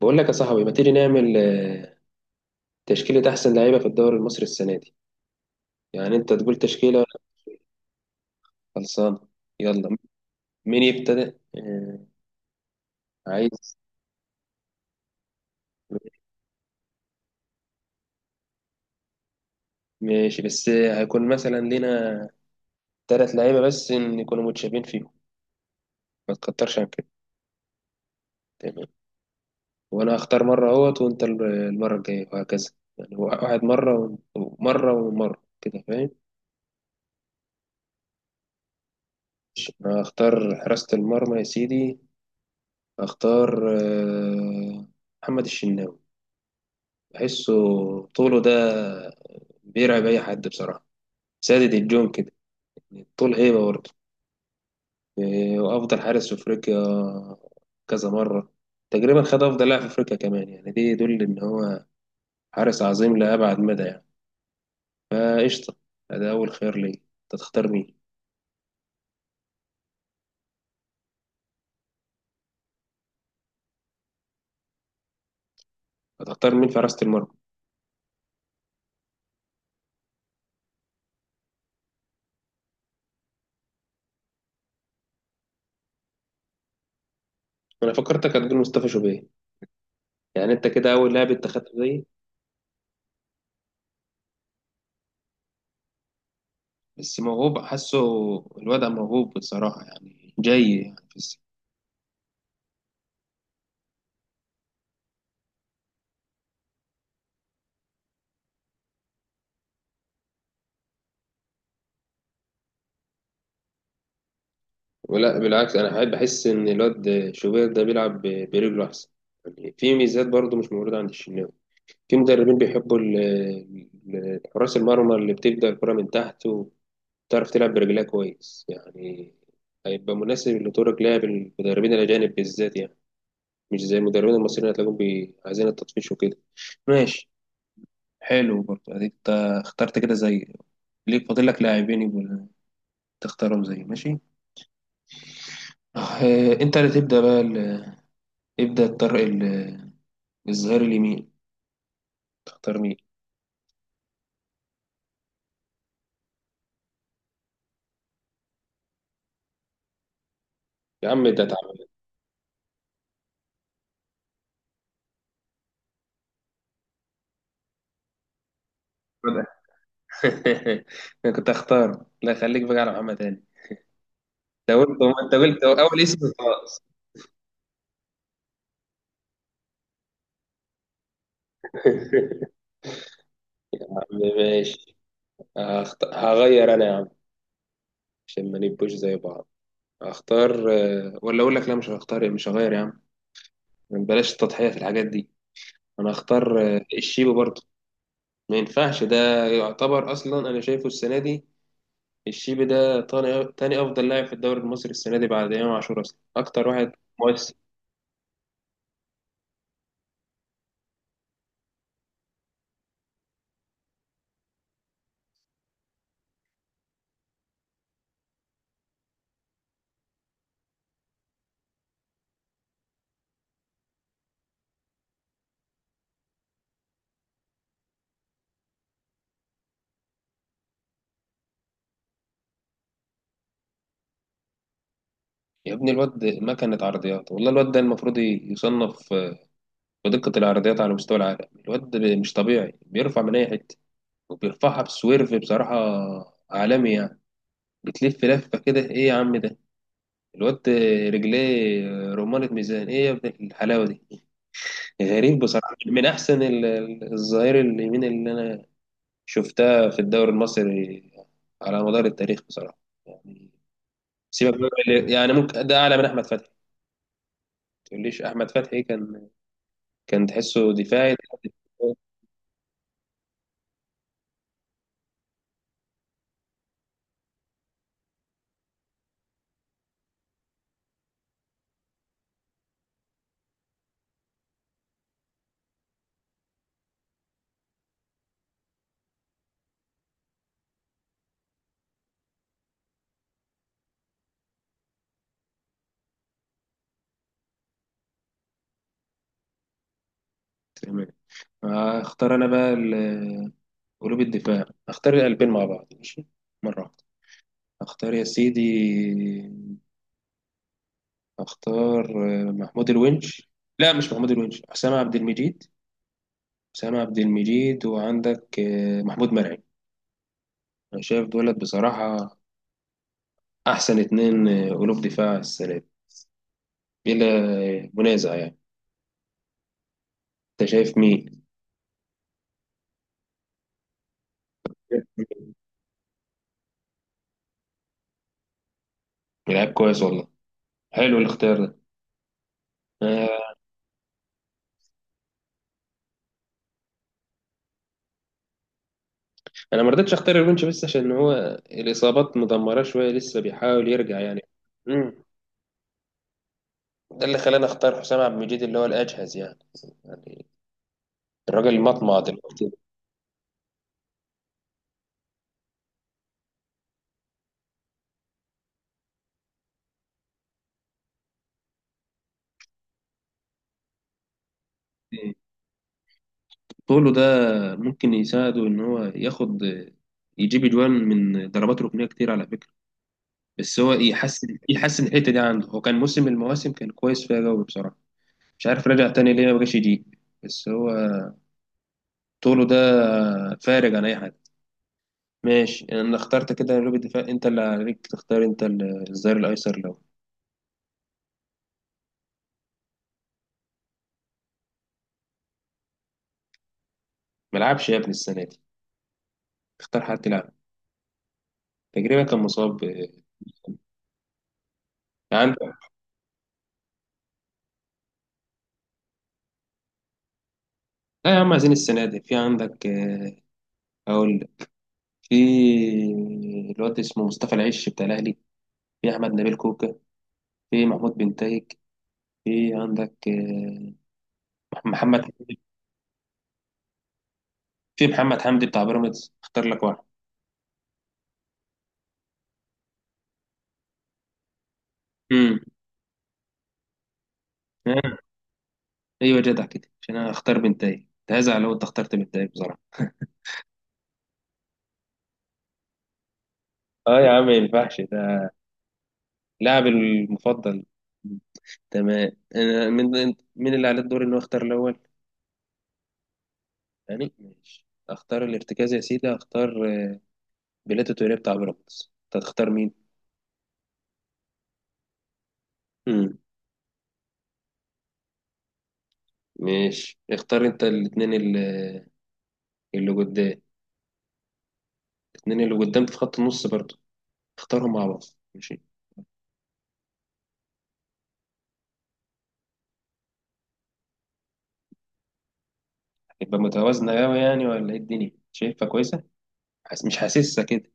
بقول لك يا صاحبي، ما تيجي نعمل تشكيلة أحسن لعيبة في الدوري المصري السنة دي؟ يعني أنت تقول تشكيلة وأنا خلصانة. يلا، مين يبتدئ؟ عايز. ماشي، بس هيكون مثلا لينا تلات لعيبة، بس إن يكونوا متشابهين فيهم، ما تكترش عن كده. تمام. وأنا هختار مرة أهوت وأنت المرة الجاية وهكذا، يعني واحد مرة ومرة ومرة كده، فاهم؟ أنا هختار حراسة المرمى يا سيدي. هختار محمد الشناوي. بحسه طوله ده بيرعب أي حد بصراحة، سادد الجون كده، طول هيبة برضه. إيه، وأفضل حارس في أفريقيا كذا مرة. تقريبا خد أفضل لاعب في أفريقيا كمان، يعني دي يدل إن هو حارس عظيم لأبعد مدى يعني. فقشطة، ده أول خيار ليا. أنت تختار مين؟ هتختار مين في حراسة المرمى؟ أنا فكرتك هتقول مصطفى شوبير، يعني أنت كده أول لاعب أنت خدته زيي. بس موهوب حاسه، الوضع موهوب بصراحة يعني، جاي يعني. ولا بالعكس، انا قاعد بحس ان الواد شوبير ده بيلعب برجله احسن، يعني في ميزات برضه مش موجوده عند الشناوي. في مدربين بيحبوا حراس المرمى اللي بتبدا الكره من تحت وبتعرف تلعب برجلها كويس يعني. هيبقى مناسب لطرق لعب المدربين الاجانب بالذات يعني، مش زي المدربين المصريين هتلاقيهم عايزين التطفيش وكده. ماشي، حلو برضه. اديك انت اخترت كده زي، ليك فاضل لك لاعبين يبقوا تختارهم زي. ماشي، انت اللي تبدا بقى ابدا الطرق. الظهير اليمين، تختار مين؟ يا عم ده تعبان. خدها. انا كنت اختار، لا خليك بقى على محمد هاني. انت قلت، انت قلت اول اسم، خلاص. يا عم ماشي. هغير انا يا عم، عشان ما نبقوش زي بعض. هختار ولا اقول لك، لا مش هختار، مش هغير يا عم، بلاش التضحية في الحاجات دي. انا هختار الشيبي برضه. ما ينفعش ده. يعتبر اصلا انا شايفه السنة دي الشيبي ده تاني افضل لاعب في الدوري المصري السنة دي بعد امام عاشور، اصلا اكتر واحد مؤثر. يا ابني الواد مكنة عرضيات، والله الواد ده المفروض يصنف بدقة العرضيات على مستوى العالم. الواد مش طبيعي، بيرفع من أي حتة وبيرفعها بسويرف بصراحة، عالمي يعني. بتلف لفة كده، إيه يا عم ده الواد؟ رجليه رمانة ميزان، إيه يا ابن الحلاوة دي؟ غريب بصراحة، من أحسن الظهير اليمين اللي أنا شفتها في الدوري المصري على مدار التاريخ بصراحة يعني. سيبك بقى- يعني ممكن ده أعلى من أحمد فتحي. ما تقوليش أحمد فتحي، كان كان تحسه دفاعي لحد. تمام، هختار انا بقى قلوب الدفاع. هختار القلبين مع بعض ماشي، مرة واحدة. هختار يا سيدي، هختار محمود الونش. لا، مش محمود الونش، حسام عبد المجيد. حسام عبد المجيد وعندك محمود مرعي. انا شايف دولت بصراحة احسن اتنين قلوب دفاع السنة دي، بلا منازع يعني. انت شايف مين؟ لعيب كويس والله. حلو الاختيار ده، آه، انا ما رضيتش اختار الونش بس عشان هو الاصابات مدمره شويه، لسه بيحاول يرجع يعني. امم ده اللي خلاني اختار حسام عبد المجيد، اللي هو الاجهز يعني. يعني الراجل مطمع دلوقتي. مم. طوله ده ممكن يساعده ان هو ياخد، يجيب اجوان من ضربات ركنيه كتير على فكره. بس هو يحسن يحسن الحته دي عنده، هو كان موسم من المواسم كان كويس فيها قوي بصراحه. مش عارف رجع تاني ليه ما بقاش يجيب. بس هو طوله ده فارق عن اي حاجه. ماشي، انا اخترت كده قلوب الدفاع. انت اللي عليك تختار انت الظهير الايسر لو. ملعبش يا ابني السنه دي، اختار حد يلعب. تقريبا كان مصاب عندك. لا يا عم، عايزين السنه دي. في عندك اقول لك. في الواد اسمه مصطفى العش بتاع الاهلي. في احمد نبيل كوكا. في محمود بنتايج. في عندك محمد. في محمد حمدي بتاع بيراميدز، اختار لك واحد. امم ايوه، جدع كده، عشان انا اختار بنتايج. كنت هزعل لو انت اخترت بنتايج بصراحه. اه يا عم، ما ينفعش لاعبي المفضل. تمام، انا من اللي على الدور انه اختار الاول، يعني. ماشي، اختار الارتكاز يا سيدي. اختار بيلاتو توريه بتاع بيراميدز. انت هتختار مين؟ امم ماشي. اختار انت الاثنين اللي قدام، الاثنين اللي قدام في خط النص برضه، اختارهم مع بعض. ماشي، هتبقى متوازنة قوي يعني؟ ولا ايه الدنيا، شايفها كويسة؟ مش حاسسها كده.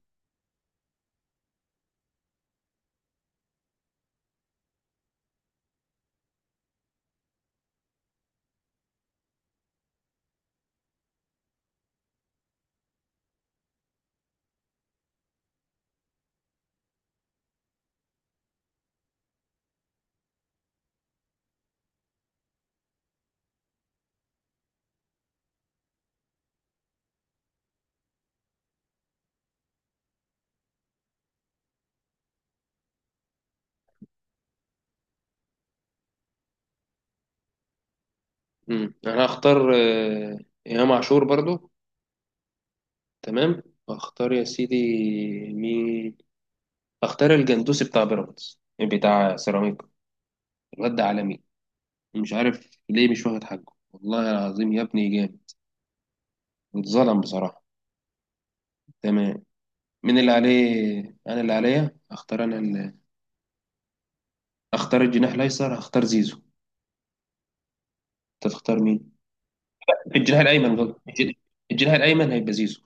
انا هختار إمام عاشور برضه. تمام. واختار يا سيدي مين؟ اختار الجندوسي بتاع بيراميدز، بتاع سيراميكا. الواد ده عالمي، مش عارف ليه مش واخد حقه. والله العظيم يا ابني جامد، اتظلم بصراحة. تمام. مين اللي عليه؟ انا اللي عليا اختار. انا اللي اختار الجناح الايسر، هختار زيزو. انت تختار مين؟ الجناح الايمن، غلط، الجناح الايمن هيبقى زيزو.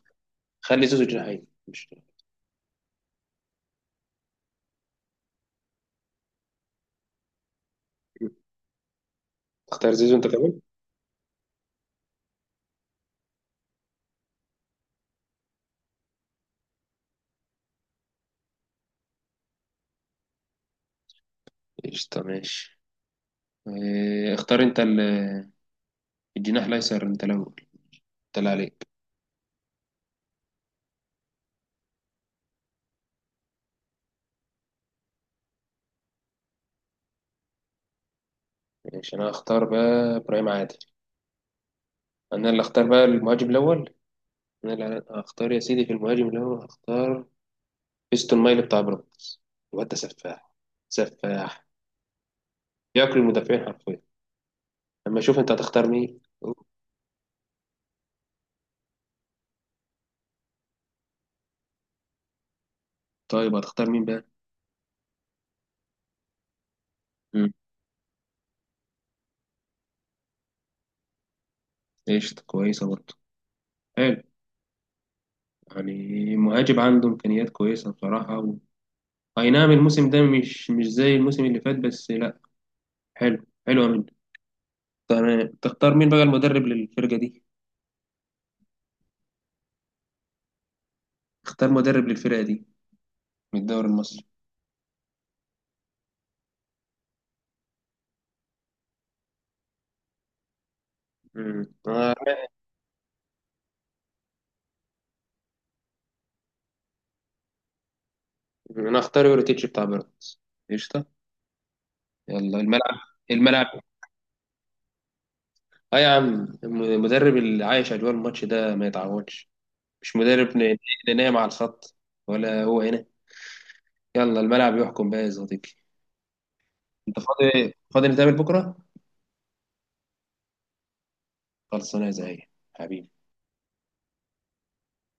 خلي زيزو جناح ايمن مش. اختار زيزو انت كمان. قشطة ماشي. إيه، اختار انت الجناح الايسر، انت الاول، انت اللي عليك. ماشي، انا هختار بقى ابراهيم عادل. انا اللي اختار بقى المهاجم الاول. انا اللي هختار يا سيدي، في المهاجم الاول هختار فيستون مايلي بتاع بيراميدز. الواد ده سفاح. سفاح، ياكل المدافعين حرفيا. اما اشوف انت هتختار مين. أوه. طيب، هتختار مين بقى؟ امم قشطة، كويسة برضه، حلو. يعني مهاجم عنده امكانيات كويسة بصراحة، و... اي نعم الموسم ده مش زي الموسم اللي فات، بس لا، حلو حلو منه. تمام، تختار مين بقى المدرب للفرقة دي؟ اختار مدرب للفرقة دي من الدوري المصري. امم انا اختار يوريتيتش بتاع بيراميدز. قشطه، يلا الملعب. الملعب، اه يا عم. المدرب اللي عايش اجواء الماتش ده ما يتعوضش، مش مدرب نايم على الخط ولا هو هنا. يلا الملعب يحكم بقى يا صديقي. انت فاضي فاضي؟ نتقابل بكره. خلصانه يا زعيم، حبيبي.